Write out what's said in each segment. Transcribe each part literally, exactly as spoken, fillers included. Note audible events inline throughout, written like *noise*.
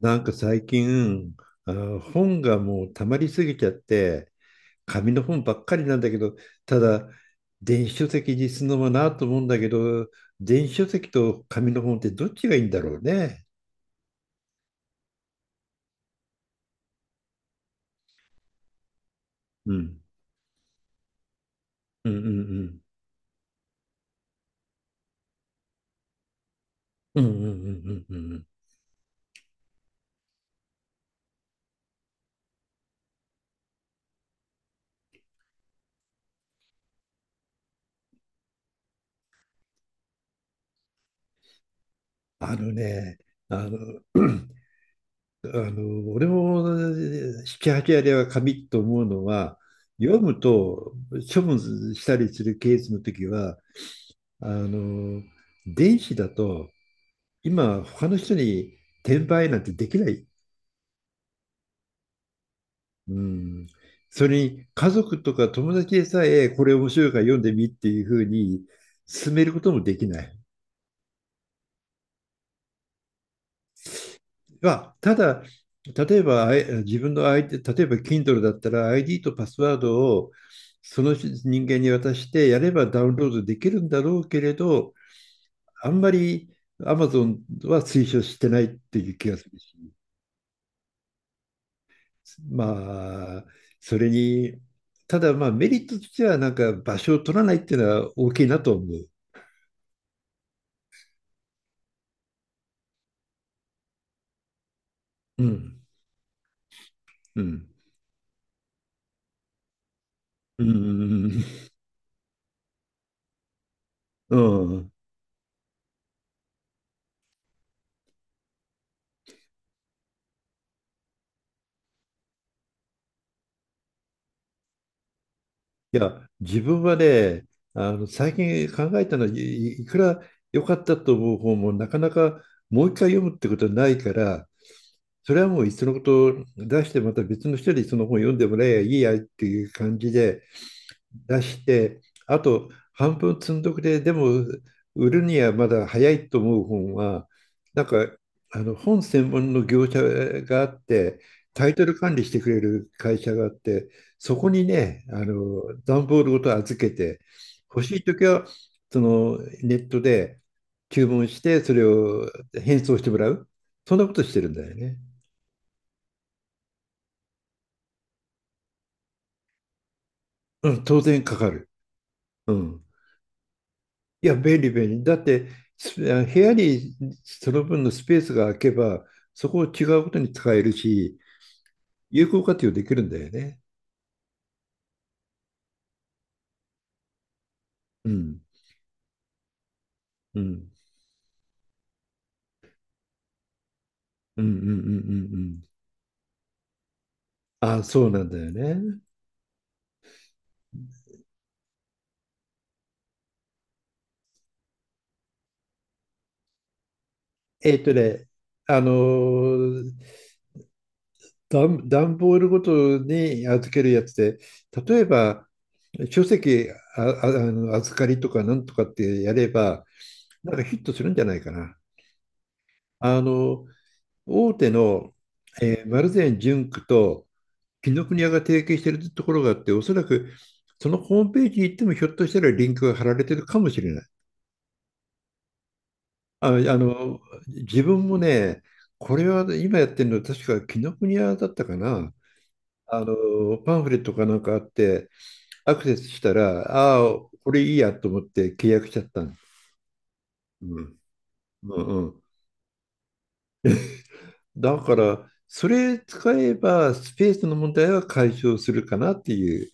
なんか最近、あー、本がもう溜まりすぎちゃって、紙の本ばっかりなんだけど、ただ、電子書籍にするのもなと思うんだけど、電子書籍と紙の本ってどっちがいいんだろうね。うん。うんうんうん。うんうんうんうんうんうん。あのね、あの、*clears throat* あの俺もなな、はち割は紙と思うのは、読むと処分したりするケースの時は、あの、電子だと、今、他の人に転売なんてできない。うん。それに、家族とか友達でさえ、これ面白いから読んでみっていうふうに勧めることもできない。まあ、ただ、例えば、あい自分の アイディー、例えば Kindle だったら アイディー とパスワードをその人人間に渡してやればダウンロードできるんだろうけれど、あんまり Amazon は推奨してないっていう気がするし。まあ、それに、ただまあメリットとしてはなんか場所を取らないっていうのは大きいなと思う。うん。うん。うん。うん。いや、自分はね、あの最近考えたのはいいくら良かったと思う本もなかなかもう一回読むってことはないから、それはもういっそのこと出してまた別の人にその本読んでもらえばいいやっていう感じで、出して、あと半分積んどくれ、でも売るにはまだ早いと思う本は、なんかあの本専門の業者があって、タイトル管理してくれる会社があって、そこにね、あの段ボールごと預けて、欲しいときはそのネットで注文して、それを返送してもらう。そんなことしてるんだよね。うん、当然かかる。うん。いや、便利便利。だって、す部屋にその分のスペースが空けば、そこを違うことに使えるし、有効活用できるんだよね。うん、うん、うん、うん、うん、うんうん。あ、そうなんだよね。えっとね、あのー、段、段ボールごとに預けるやつで、例えば、書籍あ、あ、あの預かりとかなんとかってやれば、なんかヒットするんじゃないかな。あの、大手の、えー丸善純駆と紀ノ国屋が提携しているところがあって、おそらくそのホームページに行ってもひょっとしたらリンクが貼られてるかもしれない。あ、あの自分もね、これは今やってるの確か紀ノ国屋だったかな。あのパンフレットかなんかあってアクセスしたら、ああ、これいいやと思って契約しちゃったの。うんうんうん、だから、それ使えばスペースの問題は解消するかなっていう。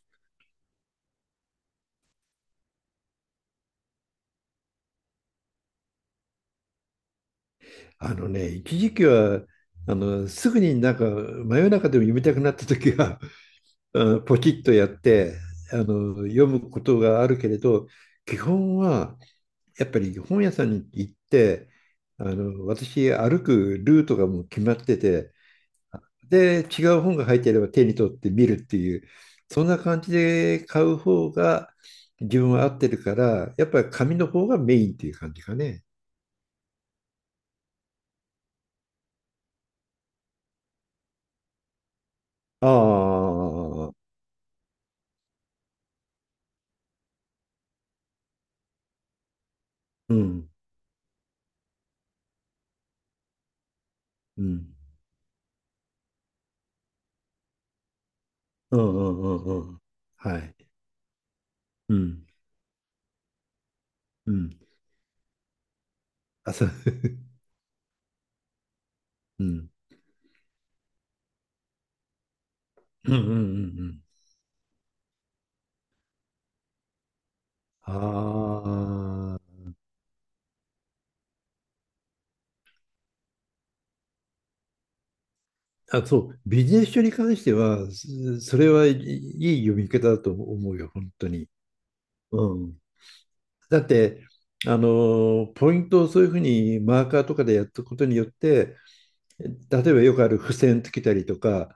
あのね、一時期はあのすぐになんか真夜中でも読みたくなった時は *laughs* あ、ポチッとやってあの読むことがあるけれど、基本はやっぱり本屋さんに行って、あの私歩くルートがもう決まってて、で違う本が入っていれば手に取って見るっていう、そんな感じで買う方が自分は合ってるから、やっぱり紙の方がメインっていう感じかね。ああ、うん、うん。うんうんうんうん。はい。うん。うん。あ、そう。うん。うんうんうんうん。あーあ、そう、ビジネス書に関しては、すそれはいいい読み方だと思うよ、本当に。うん。うん、だって、あの、ポイントをそういうふうにマーカーとかでやったことによって、例えばよくある付箋つけたりとか、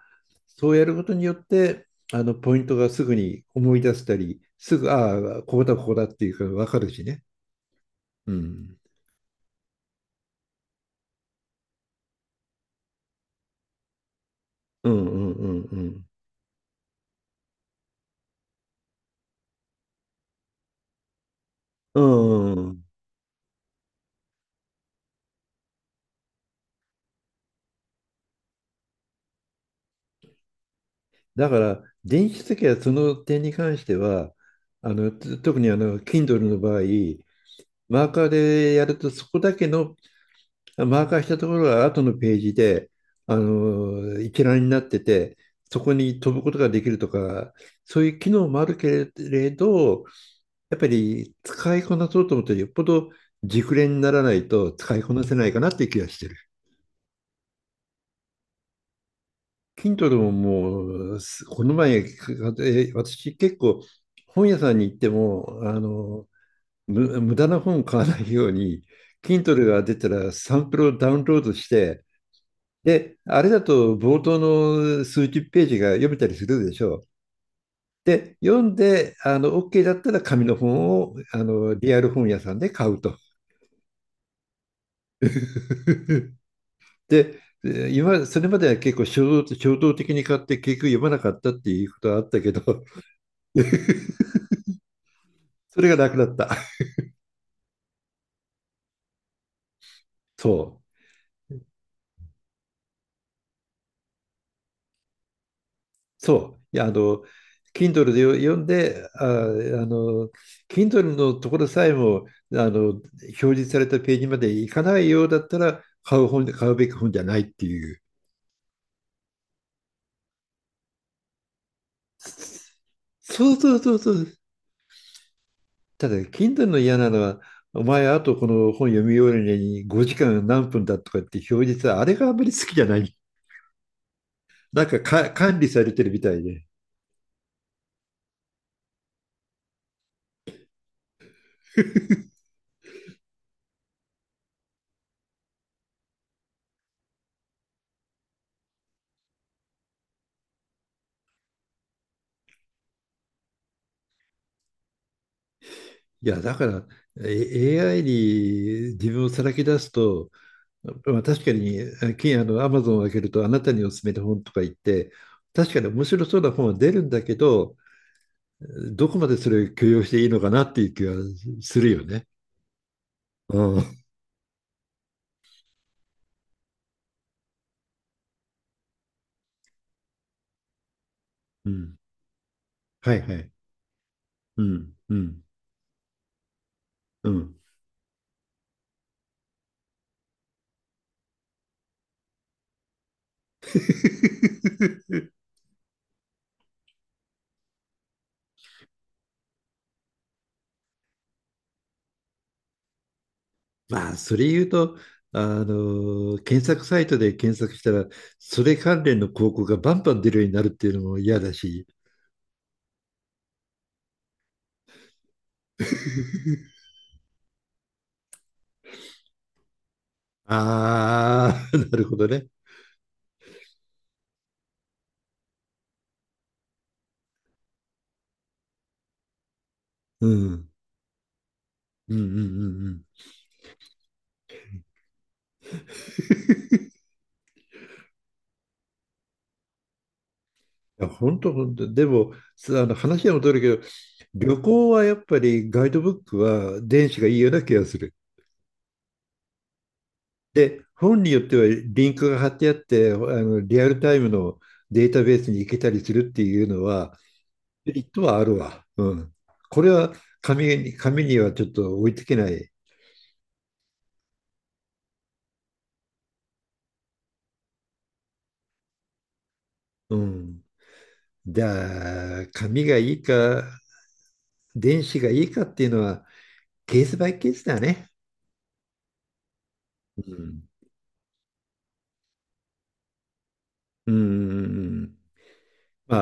そうやることによって、あの、ポイントがすぐに思い出せたり、すぐ、ああ、ここだ、ここだっていうか分かるしね。うん。うんうんうんうん。うんうん。だから、電子書籍はその点に関しては、あの、つ特にあの、Kindle の場合、マーカーでやると、そこだけの、あマーカーしたところが後のページで、あの、一覧になってて、そこに飛ぶことができるとか、そういう機能もあるけれど、やっぱり使いこなそうと思ったら、よっぽど熟練にならないと使いこなせないかなっていう気がして、 Kindle ももう、すこの前、かえ私結構本屋さんに行っても、あの、む、無駄な本を買わないように、Kindle が出たらサンプルをダウンロードして、で、あれだと冒頭の数十ページが読めたりするでしょう。で、読んで、あの、OK だったら紙の本を、あの、リアル本屋さんで買うと。*laughs* で、えー今、それまでは結構衝動、衝動的に買って結局読まなかったっていうことはあったけど、それが楽だった。*laughs* そう。そう。いや、あの、Kindle でよ読んで、あ、あの、Kindle のところさえも、あの、表示されたページまで行かないようだったら、買う本、買うべき本じゃないっていう。そうそうそうそう。ただ、Kindle の嫌なのは、お前、あとこの本読み終わるのにごじかん何分だとかって表示さ、あれがあんまり好きじゃない。なんかか管理されてるみたいで。*laughs* いや、だから、え エーアイ に自分をさらけ出すと、まあ、確かに、あきあの、アマゾンを開けると、あなたにおすすめの本とか言って、確かに面白そうな本は出るんだけど、どこまでそれを許容していいのかなっていう気はするよね。うん。うん。はいはい。うん。うん。うん。*laughs* まあ、それ言うと、あの、検索サイトで検索したら、それ関連の広告がバンバン出るようになるっていうのも嫌だし。*laughs* ああ、*laughs* なるほどね。うん。うんうんうんうん。いや、本当本当。でも、すあの話は戻るけど、旅行はやっぱりガイドブックは電子がいいような気がする。で、本によってはリンクが貼ってあって、あのリアルタイムのデータベースに行けたりするっていうのは、メリットはあるわ。うん。これは紙に、紙にはちょっと追いつけない。うん。じゃあ、紙がいいか、電子がいいかっていうのは、ケースバイケースだね。うん。うんうんうん。ま